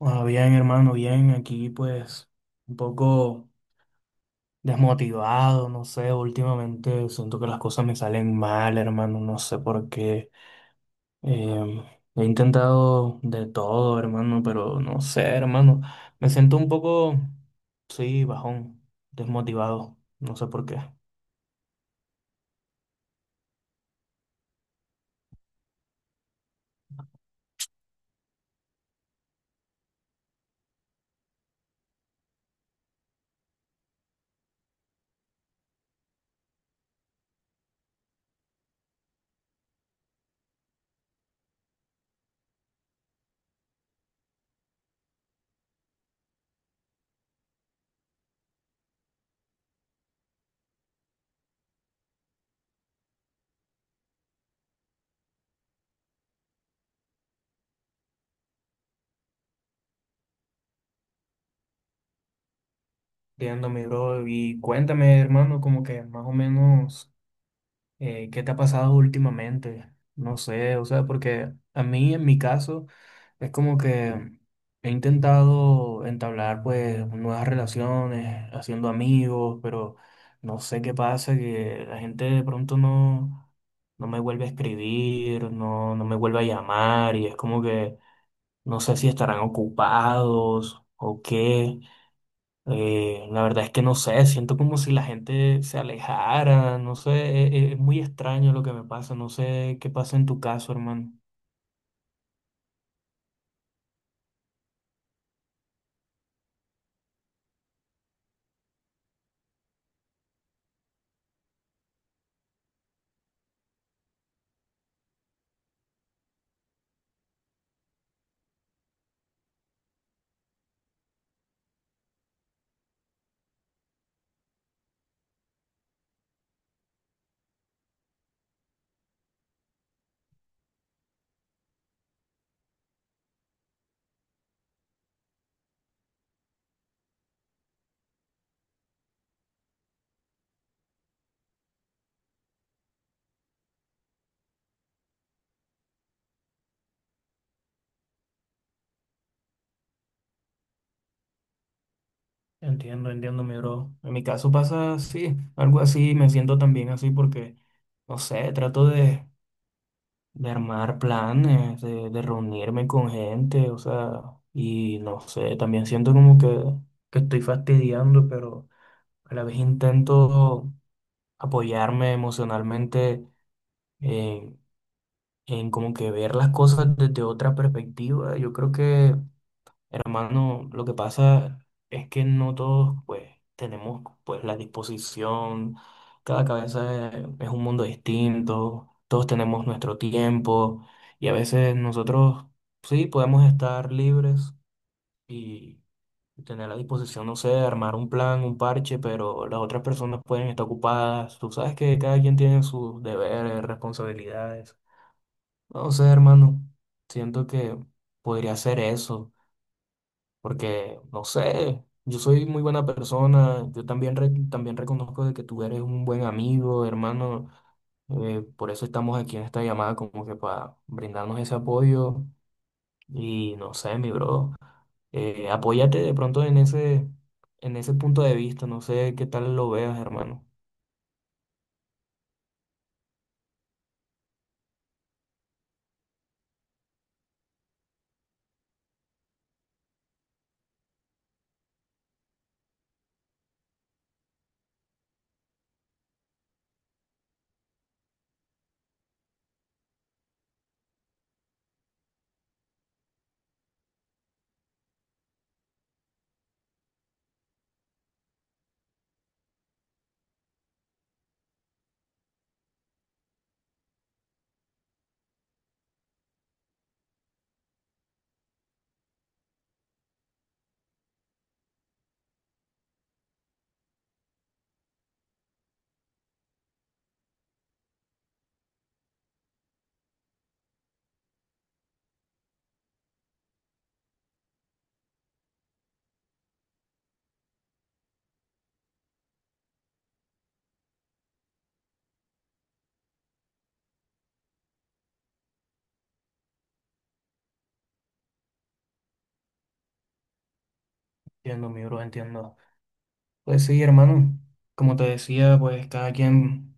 Ah, bien, hermano, bien. Aquí pues un poco desmotivado, no sé, últimamente siento que las cosas me salen mal, hermano, no sé por qué. Em, He intentado de todo, hermano, pero no sé, hermano. Me siento un poco, sí, bajón, desmotivado, no sé por qué. Entiendo, mi bro. Y cuéntame, hermano, como que más o menos... ¿qué te ha pasado últimamente? No sé, o sea, porque a mí en mi caso es como que he intentado entablar pues nuevas relaciones, haciendo amigos, pero no sé qué pasa, que la gente de pronto no me vuelve a escribir, no me vuelve a llamar y es como que no sé si estarán ocupados o qué. La verdad es que no sé, siento como si la gente se alejara, no sé, es, muy extraño lo que me pasa, no sé qué pasa en tu caso, hermano. Entiendo, entiendo, mi bro. En mi caso pasa así, algo así, me siento también así porque, no sé, trato de armar planes, de reunirme con gente, o sea, y no sé, también siento como que estoy fastidiando, pero a la vez intento apoyarme emocionalmente en como que ver las cosas desde otra perspectiva. Yo creo que, hermano, lo que pasa es que no todos pues tenemos pues la disposición, cada cabeza es un mundo distinto, todos tenemos nuestro tiempo y a veces nosotros sí podemos estar libres y tener la disposición, no sé, de armar un plan, un parche, pero las otras personas pueden estar ocupadas. Tú sabes que cada quien tiene sus deberes, responsabilidades. No sé, hermano, siento que podría ser eso, porque, no sé, yo soy muy buena persona, yo también, también reconozco de que tú eres un buen amigo, hermano, por eso estamos aquí en esta llamada, como que para brindarnos ese apoyo y, no sé, mi bro, apóyate de pronto en ese punto de vista, no sé qué tal lo veas, hermano. Entiendo, mi bro, entiendo. Pues sí, hermano, como te decía, pues cada quien...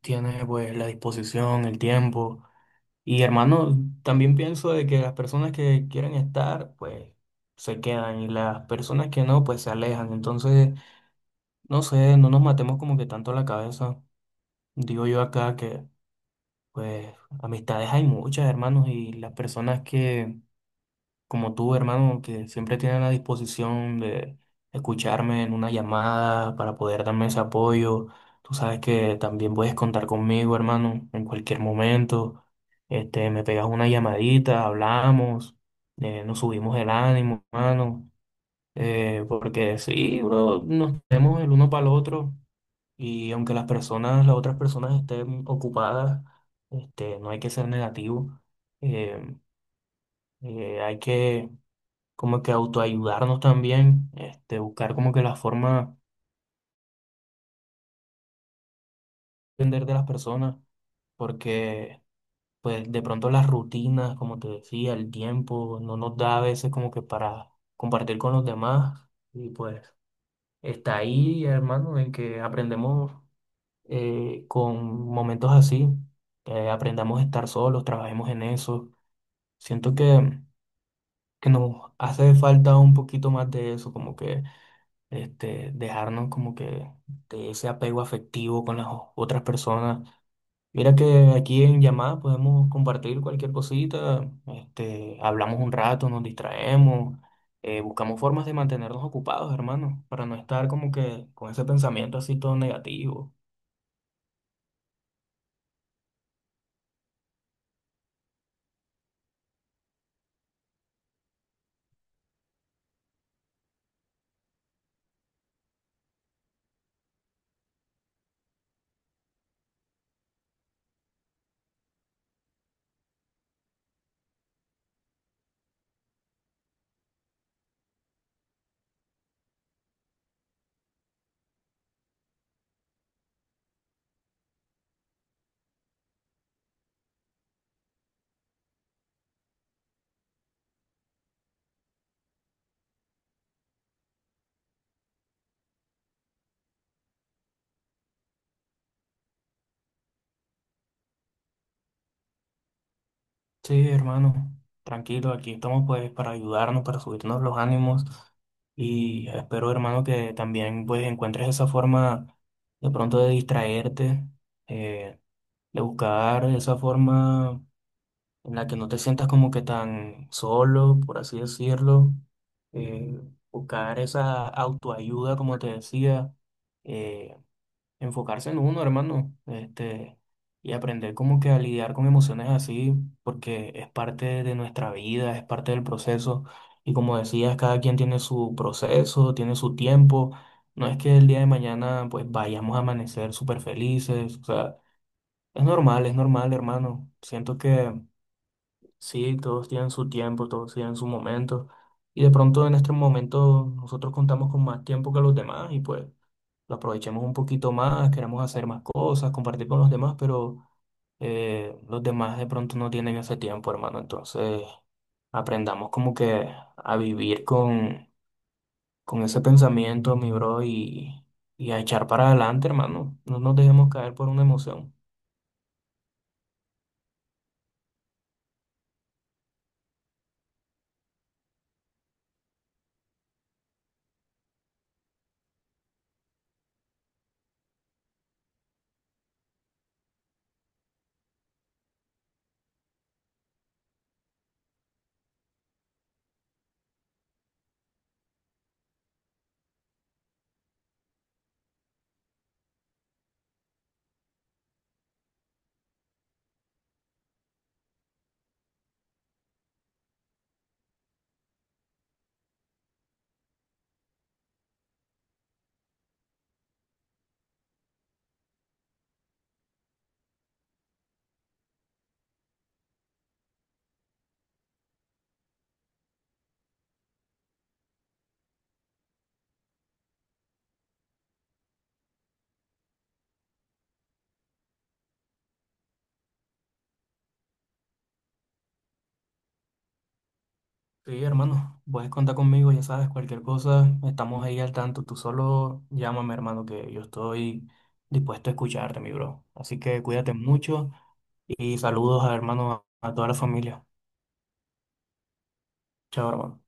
Tienes pues la disposición, el tiempo. Y hermano, también pienso de que las personas que quieren estar, pues se quedan y las personas que no, pues se alejan. Entonces, no sé, no nos matemos como que tanto la cabeza. Digo yo acá que, pues, amistades hay muchas, hermanos, y las personas que como tú, hermano, que siempre tienen la disposición de escucharme en una llamada para poder darme ese apoyo. Tú sabes que también puedes contar conmigo, hermano, en cualquier momento. Este, me pegas una llamadita, hablamos, nos subimos el ánimo, hermano. Porque sí, bro, nos tenemos el uno para el otro y aunque las personas, las otras personas estén ocupadas, este, no hay que ser negativo. Eh, Hay que como que autoayudarnos también, este, buscar como que la forma de entender de las personas, porque pues de pronto las rutinas, como te decía, el tiempo no nos da a veces como que para compartir con los demás y pues está ahí, hermano, en que aprendemos con momentos así, aprendamos a estar solos, trabajemos en eso. Siento que nos hace falta un poquito más de eso, como que este, dejarnos como que de ese apego afectivo con las otras personas. Mira que aquí en llamada podemos compartir cualquier cosita, este, hablamos un rato, nos distraemos, buscamos formas de mantenernos ocupados, hermano, para no estar como que con ese pensamiento así todo negativo. Sí, hermano, tranquilo, aquí estamos pues para ayudarnos, para subirnos los ánimos y espero, hermano, que también pues encuentres esa forma de pronto de distraerte. eh, de buscar esa forma en la que no te sientas como que tan solo, por así decirlo, eh, buscar esa autoayuda, como te decía, eh, enfocarse en uno, hermano, este, y aprender como que a lidiar con emociones así, porque es parte de nuestra vida, es parte del proceso, y como decías, cada quien tiene su proceso, tiene su tiempo. No es que el día de mañana pues vayamos a amanecer súper felices, o sea, es normal, hermano. Siento que sí, todos tienen su tiempo, todos tienen su momento. Y de pronto en este momento nosotros contamos con más tiempo que los demás y pues lo aprovechemos un poquito más, queremos hacer más cosas, compartir con los demás, pero los demás de pronto no tienen ese tiempo, hermano. Entonces aprendamos como que a vivir con ese pensamiento, mi bro, y a echar para adelante, hermano. No nos dejemos caer por una emoción. Sí, hermano, puedes contar conmigo, ya sabes, cualquier cosa, estamos ahí al tanto. Tú solo llámame, hermano, que yo estoy dispuesto a escucharte, mi bro. Así que cuídate mucho y saludos a hermano, a toda la familia. Chao, hermano.